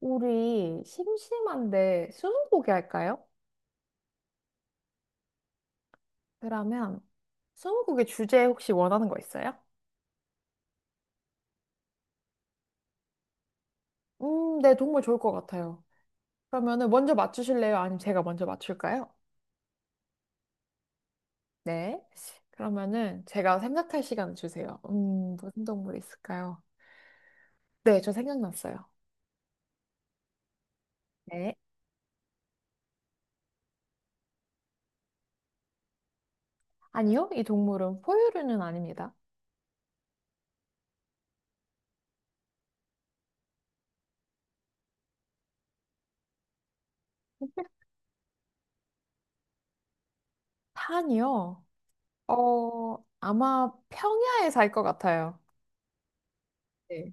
우리 심심한데 스무고개 할까요? 그러면 스무고개 주제 혹시 원하는 거 있어요? 네, 정말 좋을 것 같아요. 그러면은 먼저 맞추실래요? 아니면 제가 먼저 맞출까요? 네. 그러면은 제가 생각할 시간 주세요. 무슨 동물이 있을까요? 네, 저 생각났어요. 네. 아니요, 이 동물은 포유류는 아닙니다. 산이요? 어, 아마 평야에 살 것 같아요. 네.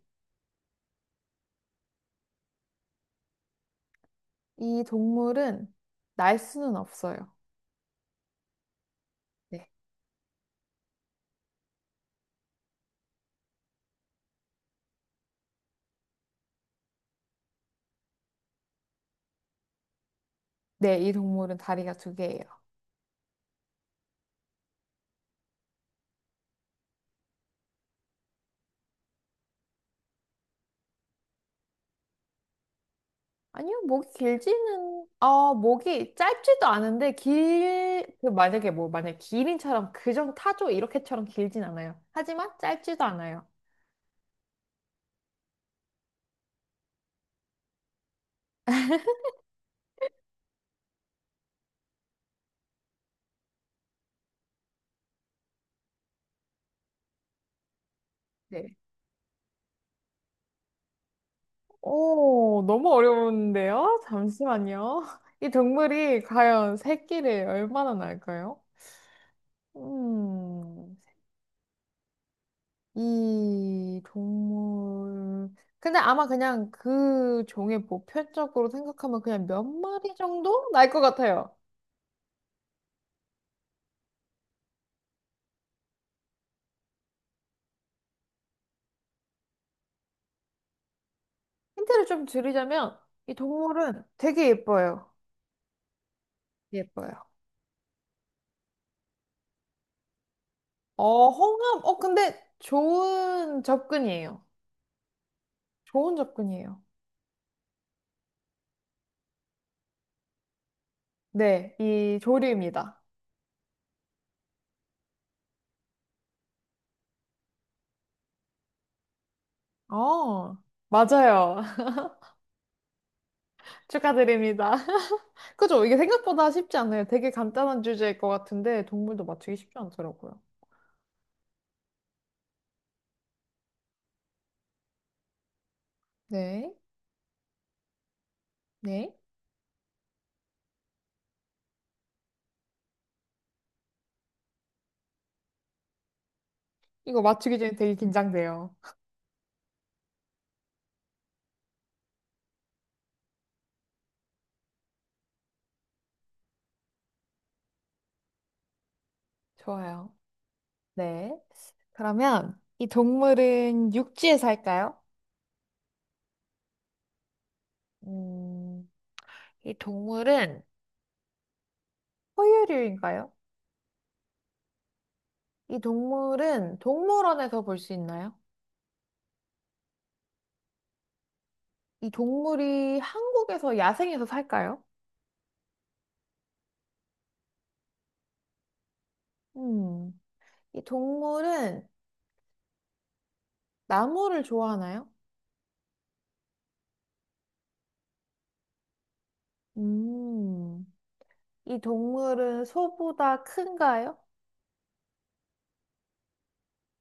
이 동물은 날 수는 없어요. 네. 네, 이 동물은 다리가 두 개예요. 아니요, 목이 길지는, 목이 짧지도 않은데, 길, 그 만약에 뭐, 만약에 기린처럼, 그정 타조 이렇게처럼 길진 않아요. 하지만 짧지도 않아요. 네. 오, 너무 어려운데요? 잠시만요. 이 동물이 과연 새끼를 얼마나 낳을까요? 음, 이 동물, 근데 아마 그냥 그 종의 보편적으로 생각하면 그냥 몇 마리 정도 날 것 같아요. 힌트를 좀 드리자면 이 동물은 되게 예뻐요. 예뻐요. 어, 홍합. 어, 근데 좋은 접근이에요. 좋은 접근이에요. 네, 이 조류입니다. 어, 맞아요. 축하드립니다. 그죠? 이게 생각보다 쉽지 않아요. 되게 간단한 주제일 것 같은데 동물도 맞추기 쉽지 않더라고요. 네, 네. 이거 맞추기 전에 되게 긴장돼요. 좋아요. 네. 그러면 이 동물은 육지에 살까요? 음, 이 동물은 포유류인가요? 이 동물은 동물원에서 볼 수 있나요? 이 동물이 한국에서 야생에서 살까요? 음. 이 동물은 나무를 좋아하나요? 음. 이 동물은 소보다 큰가요?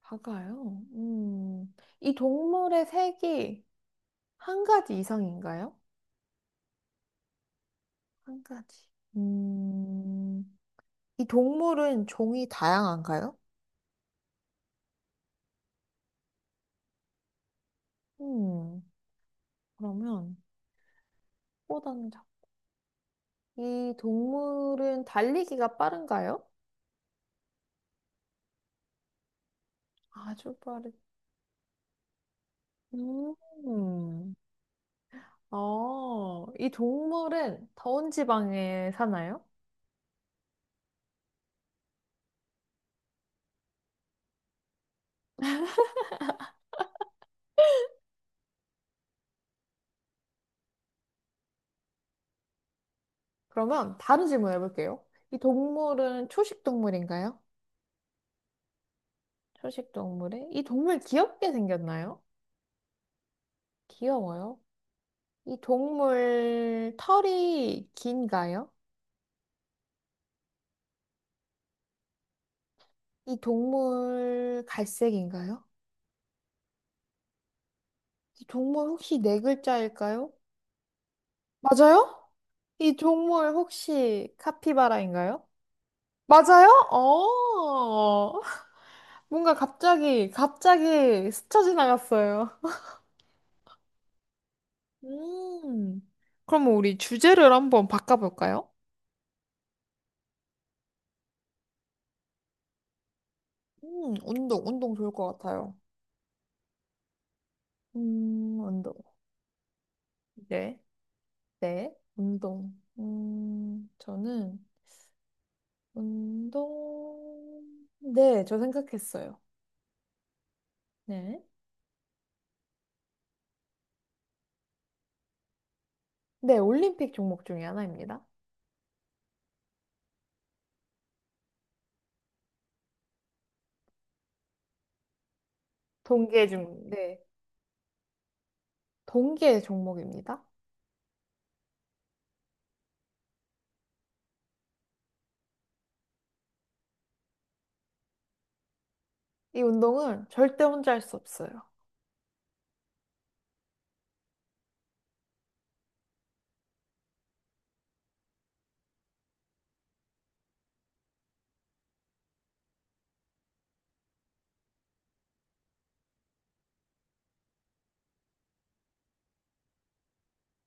작아요. 음. 이 동물의 색이 한 가지 이상인가요? 한 가지. 음. 이 동물은 종이 다양한가요? 음. 그러면 소보다는 작 이 동물은 달리기가 빠른가요? 아주 빠르. 음. 어, 이 동물은 더운 지방에 사나요? 그러면 다른 질문 해볼게요. 이 동물은 초식 동물인가요? 초식 동물에 이 동물 귀엽게 생겼나요? 귀여워요. 이 동물 털이 긴가요? 이 동물 갈색인가요? 이 동물 혹시 네 글자일까요? 맞아요? 이 동물 혹시 카피바라인가요? 맞아요? 어, 뭔가 갑자기 스쳐 지나갔어요. 음, 그럼 우리 주제를 한번 바꿔볼까요? 운동 좋을 것 같아요. 운동. 네, 네, 운동. 저는 운동. 네, 저 생각했어요. 네. 네, 올림픽 종목 중에 하나입니다. 동계 종, 네, 동계 종목입니다. 이 운동은 절대 혼자 할 수 없어요.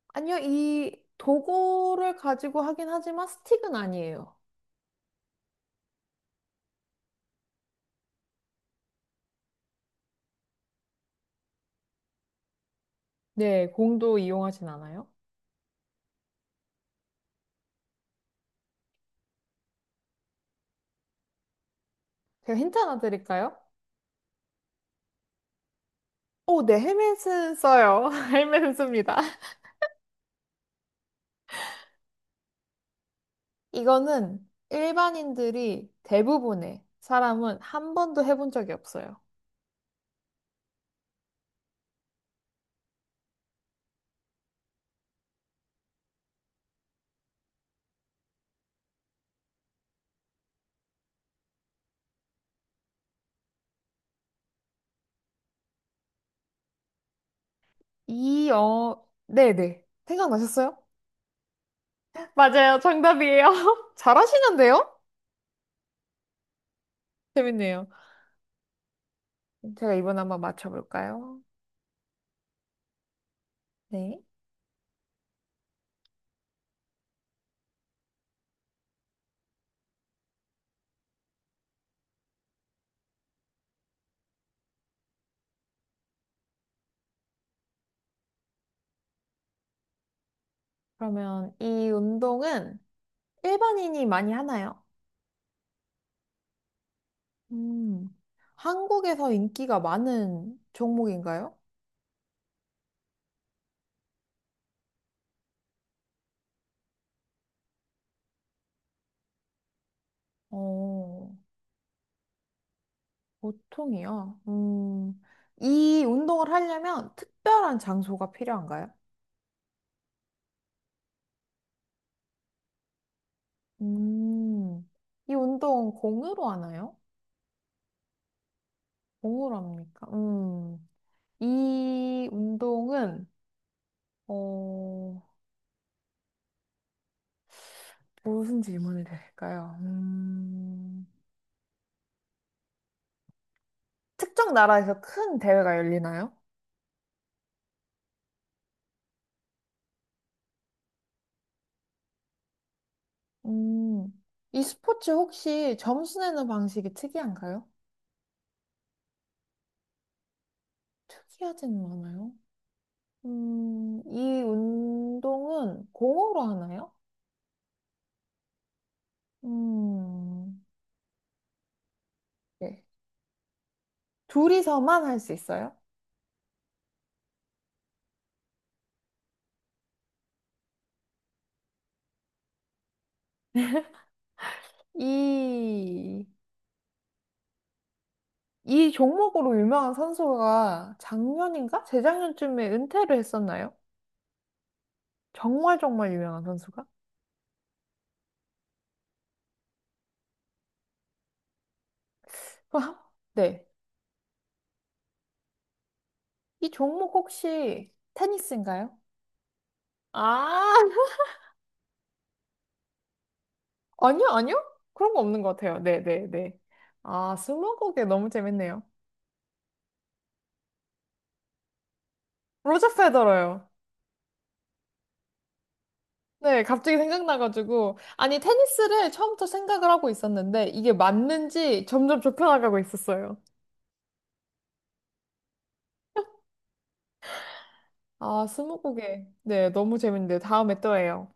아니요, 이 도구를 가지고 하긴 하지만 스틱은 아니에요. 네, 공도 이용하진 않아요? 제가 힌트 하나 드릴까요? 오, 네, 헬멧은 써요. 헬멧은 씁니다. 이거는 일반인들이 대부분의 사람은 한 번도 해본 적이 없어요. 이, 어, 네네. 생각나셨어요? 맞아요. 정답이에요. 잘하시는데요? 재밌네요. 제가 이번에 한번 맞춰볼까요? 네. 그러면 이 운동은 일반인이 많이 하나요? 음, 한국에서 인기가 많은 종목인가요? 어, 보통이요. 이 운동을 하려면 특별한 장소가 필요한가요? 음, 이 운동 공으로 하나요? 공으로 합니까? 이 운동은, 어, 무슨 질문을 드릴까요? 특정 나라에서 큰 대회가 열리나요? 음, 이 스포츠 혹시 점수 내는 방식이 특이한가요? 특이하지는 않아요. 이 운동은 공으로 하나요? 음, 네. 둘이서만 할 수 있어요? 이, 이 종목으로 유명한 선수가 작년인가? 재작년쯤에 은퇴를 했었나요? 정말 정말 유명한 선수가? 그럼 한- 네. 이 종목 혹시 테니스인가요? 아, 아니요, 아니요? 그런 거 없는 것 같아요. 네, 네, 네. 아, 스무고개 너무 재밌네요. 로저 페더러요. 네, 갑자기 생각나가지고. 아니, 테니스를 처음부터 생각을 하고 있었는데, 이게 맞는지 점점 좁혀나가고 있었어요. 아, 스무고개. 네, 너무 재밌는데. 다음에 또 해요.